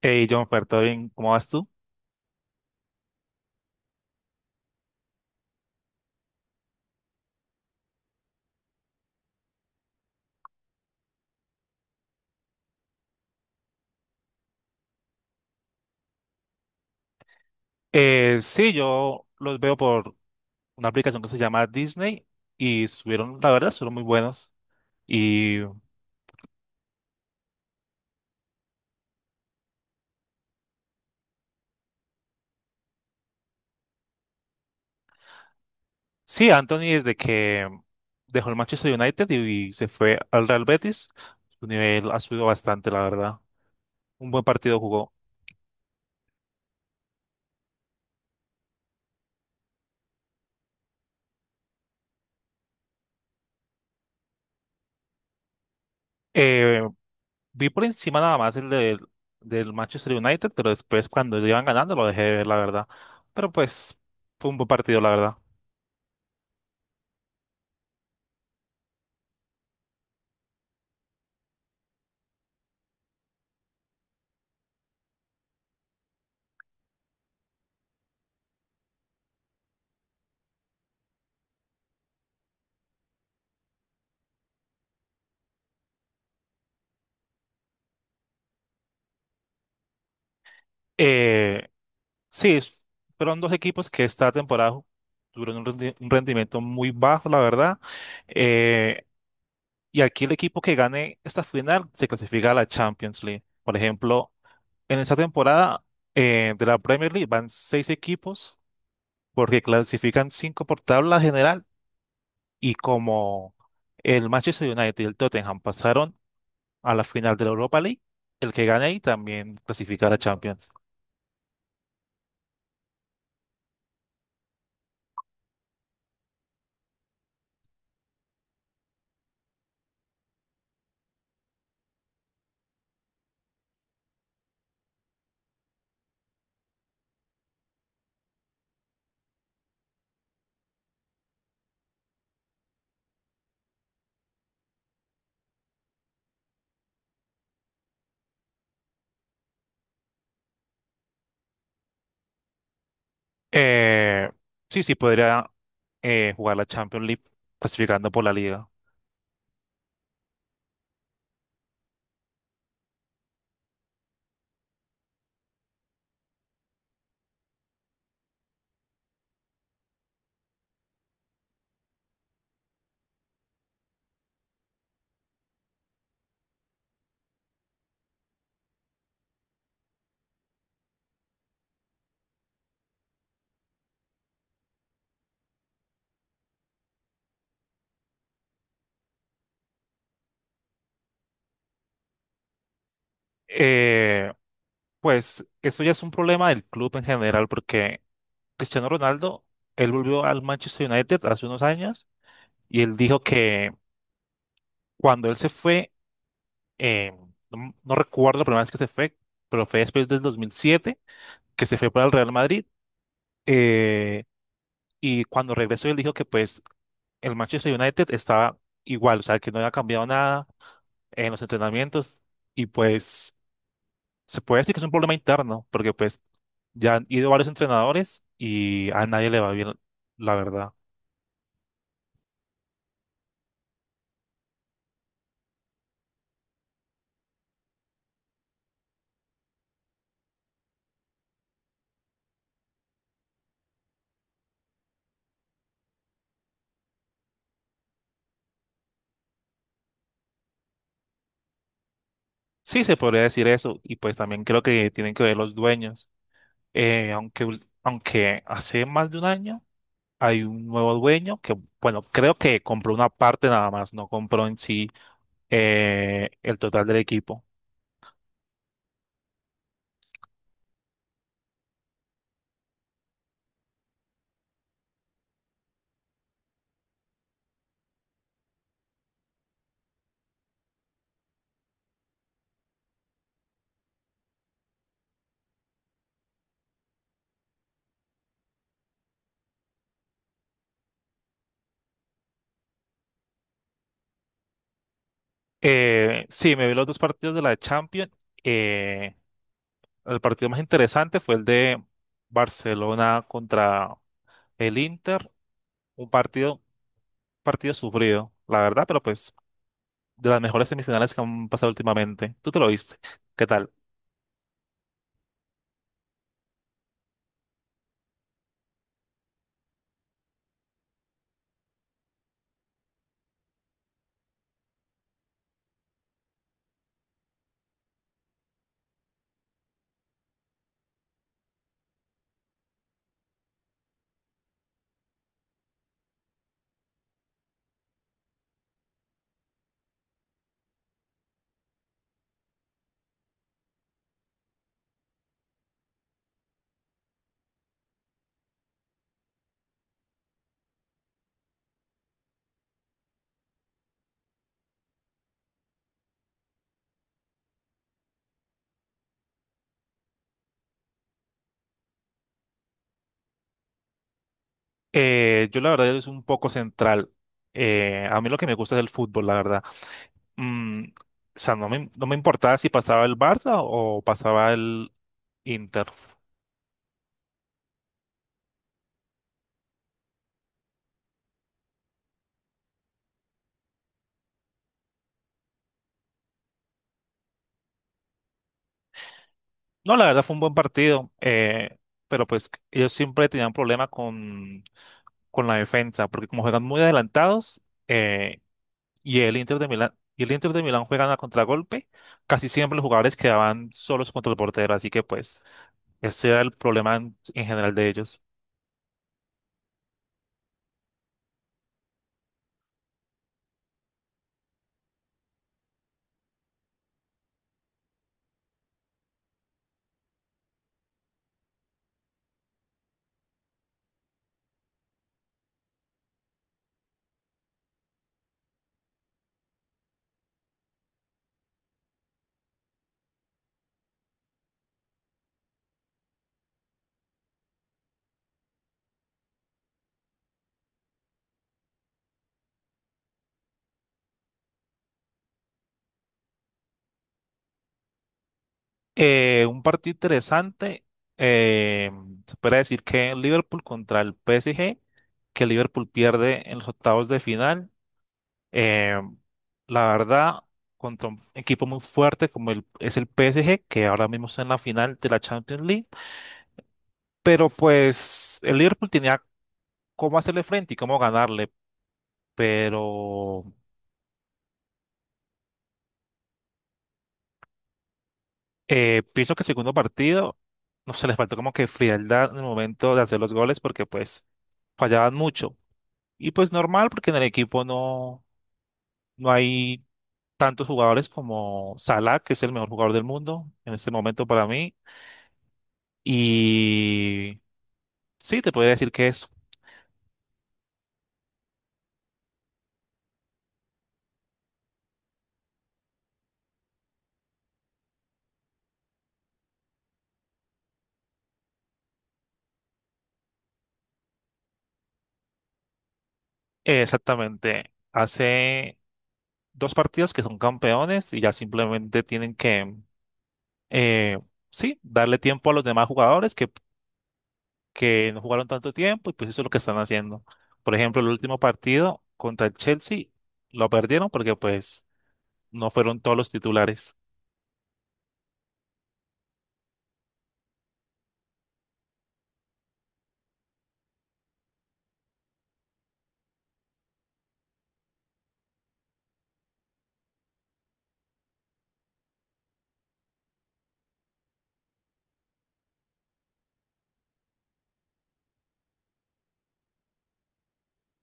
Hey, John, ¿todo bien? ¿Cómo vas tú? Sí, yo los veo por una aplicación que se llama Disney y subieron, la verdad, fueron muy buenos. Y sí, Anthony desde que dejó el Manchester United y se fue al Real Betis, su nivel ha subido bastante, la verdad. Un buen partido jugó. Eh, Vi por encima nada más del Manchester United, pero después cuando iban ganando lo dejé de ver, la verdad. Pero pues fue un buen partido, la verdad. Eh, Sí, es- fueron dos equipos que esta temporada tuvieron un rendimiento muy bajo, la verdad. Eh, y aquí el equipo que gane esta final se clasifica a la Champions League. Por ejemplo, en esta temporada de la Premier League van seis equipos porque clasifican cinco por tabla general, y como el Manchester United y el Tottenham pasaron a la final de la Europa League, el que gane ahí también clasifica a la Champions. Eh, sí, sí, podría jugar la Champions League clasificando por la liga. Eh, pues eso ya es un problema del club en general porque Cristiano Ronaldo, él volvió al Manchester United hace unos años y él dijo que cuando él se fue, eh, no recuerdo la primera vez que se fue, pero fue después del 2007 que se fue para el Real Madrid. eh, y cuando regresó, él dijo que pues el Manchester United estaba igual, o sea, que no había cambiado nada en los entrenamientos y pues, se puede decir que es un problema interno, porque pues ya han ido varios entrenadores y a nadie le va bien, la verdad. Sí, se podría decir eso, y pues también creo que tienen que ver los dueños. Aunque hace más de un año hay un nuevo dueño que, bueno, creo que compró una parte nada más, no compró en sí el total del equipo. Sí, me vi los dos partidos de la Champions. Eh, el partido más interesante fue el de Barcelona contra el Inter. Un partido sufrido, la verdad, pero pues de las mejores semifinales que han pasado últimamente. Tú te lo viste. ¿Qué tal? Yo la verdad es un poco central. A mí lo que me gusta es el fútbol, la verdad. Mm, o sea, no me importaba si pasaba el Barça o pasaba el Inter. No, la verdad fue un buen partido, pero pues ellos siempre tenían problema con la defensa, porque como juegan muy adelantados, eh, y el Inter de Milán juegan a contragolpe. Casi siempre los jugadores quedaban solos contra el portero, así que pues ese era el problema en general de ellos. Un partido interesante, eh, se puede decir que Liverpool contra el PSG, que Liverpool pierde en los octavos de final. Eh, la verdad, contra un equipo muy fuerte como es el PSG, que ahora mismo está en la final de la Champions League, pero pues el Liverpool tenía cómo hacerle frente y cómo ganarle. pero Pienso que el segundo partido, no se les faltó como que frialdad en el momento de hacer los goles porque pues fallaban mucho. Y pues normal porque en el equipo no hay tantos jugadores como Salah, que es el mejor jugador del mundo en este momento para mí. Y sí, te podría decir que es exactamente hace dos partidos que son campeones y ya simplemente tienen que, eh, sí, darle tiempo a los demás jugadores que no jugaron tanto tiempo, y pues eso es lo que están haciendo. Por ejemplo, el último partido contra el Chelsea lo perdieron porque pues no fueron todos los titulares.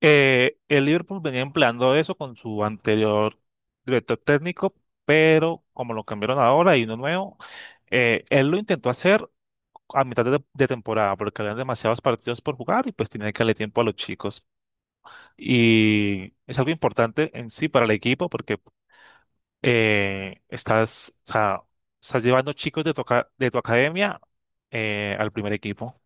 El Liverpool venía empleando eso con su anterior director técnico, pero como lo cambiaron ahora y uno nuevo, él lo intentó hacer a mitad de temporada porque habían demasiados partidos por jugar y pues tenía que darle tiempo a los chicos. Y es algo importante en sí para el equipo porque o sea, estás llevando chicos de tu, de tu academia al primer equipo.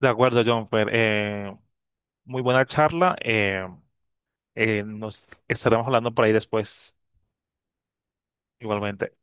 De acuerdo, John, muy buena charla. Nos estaremos hablando por ahí después, igualmente.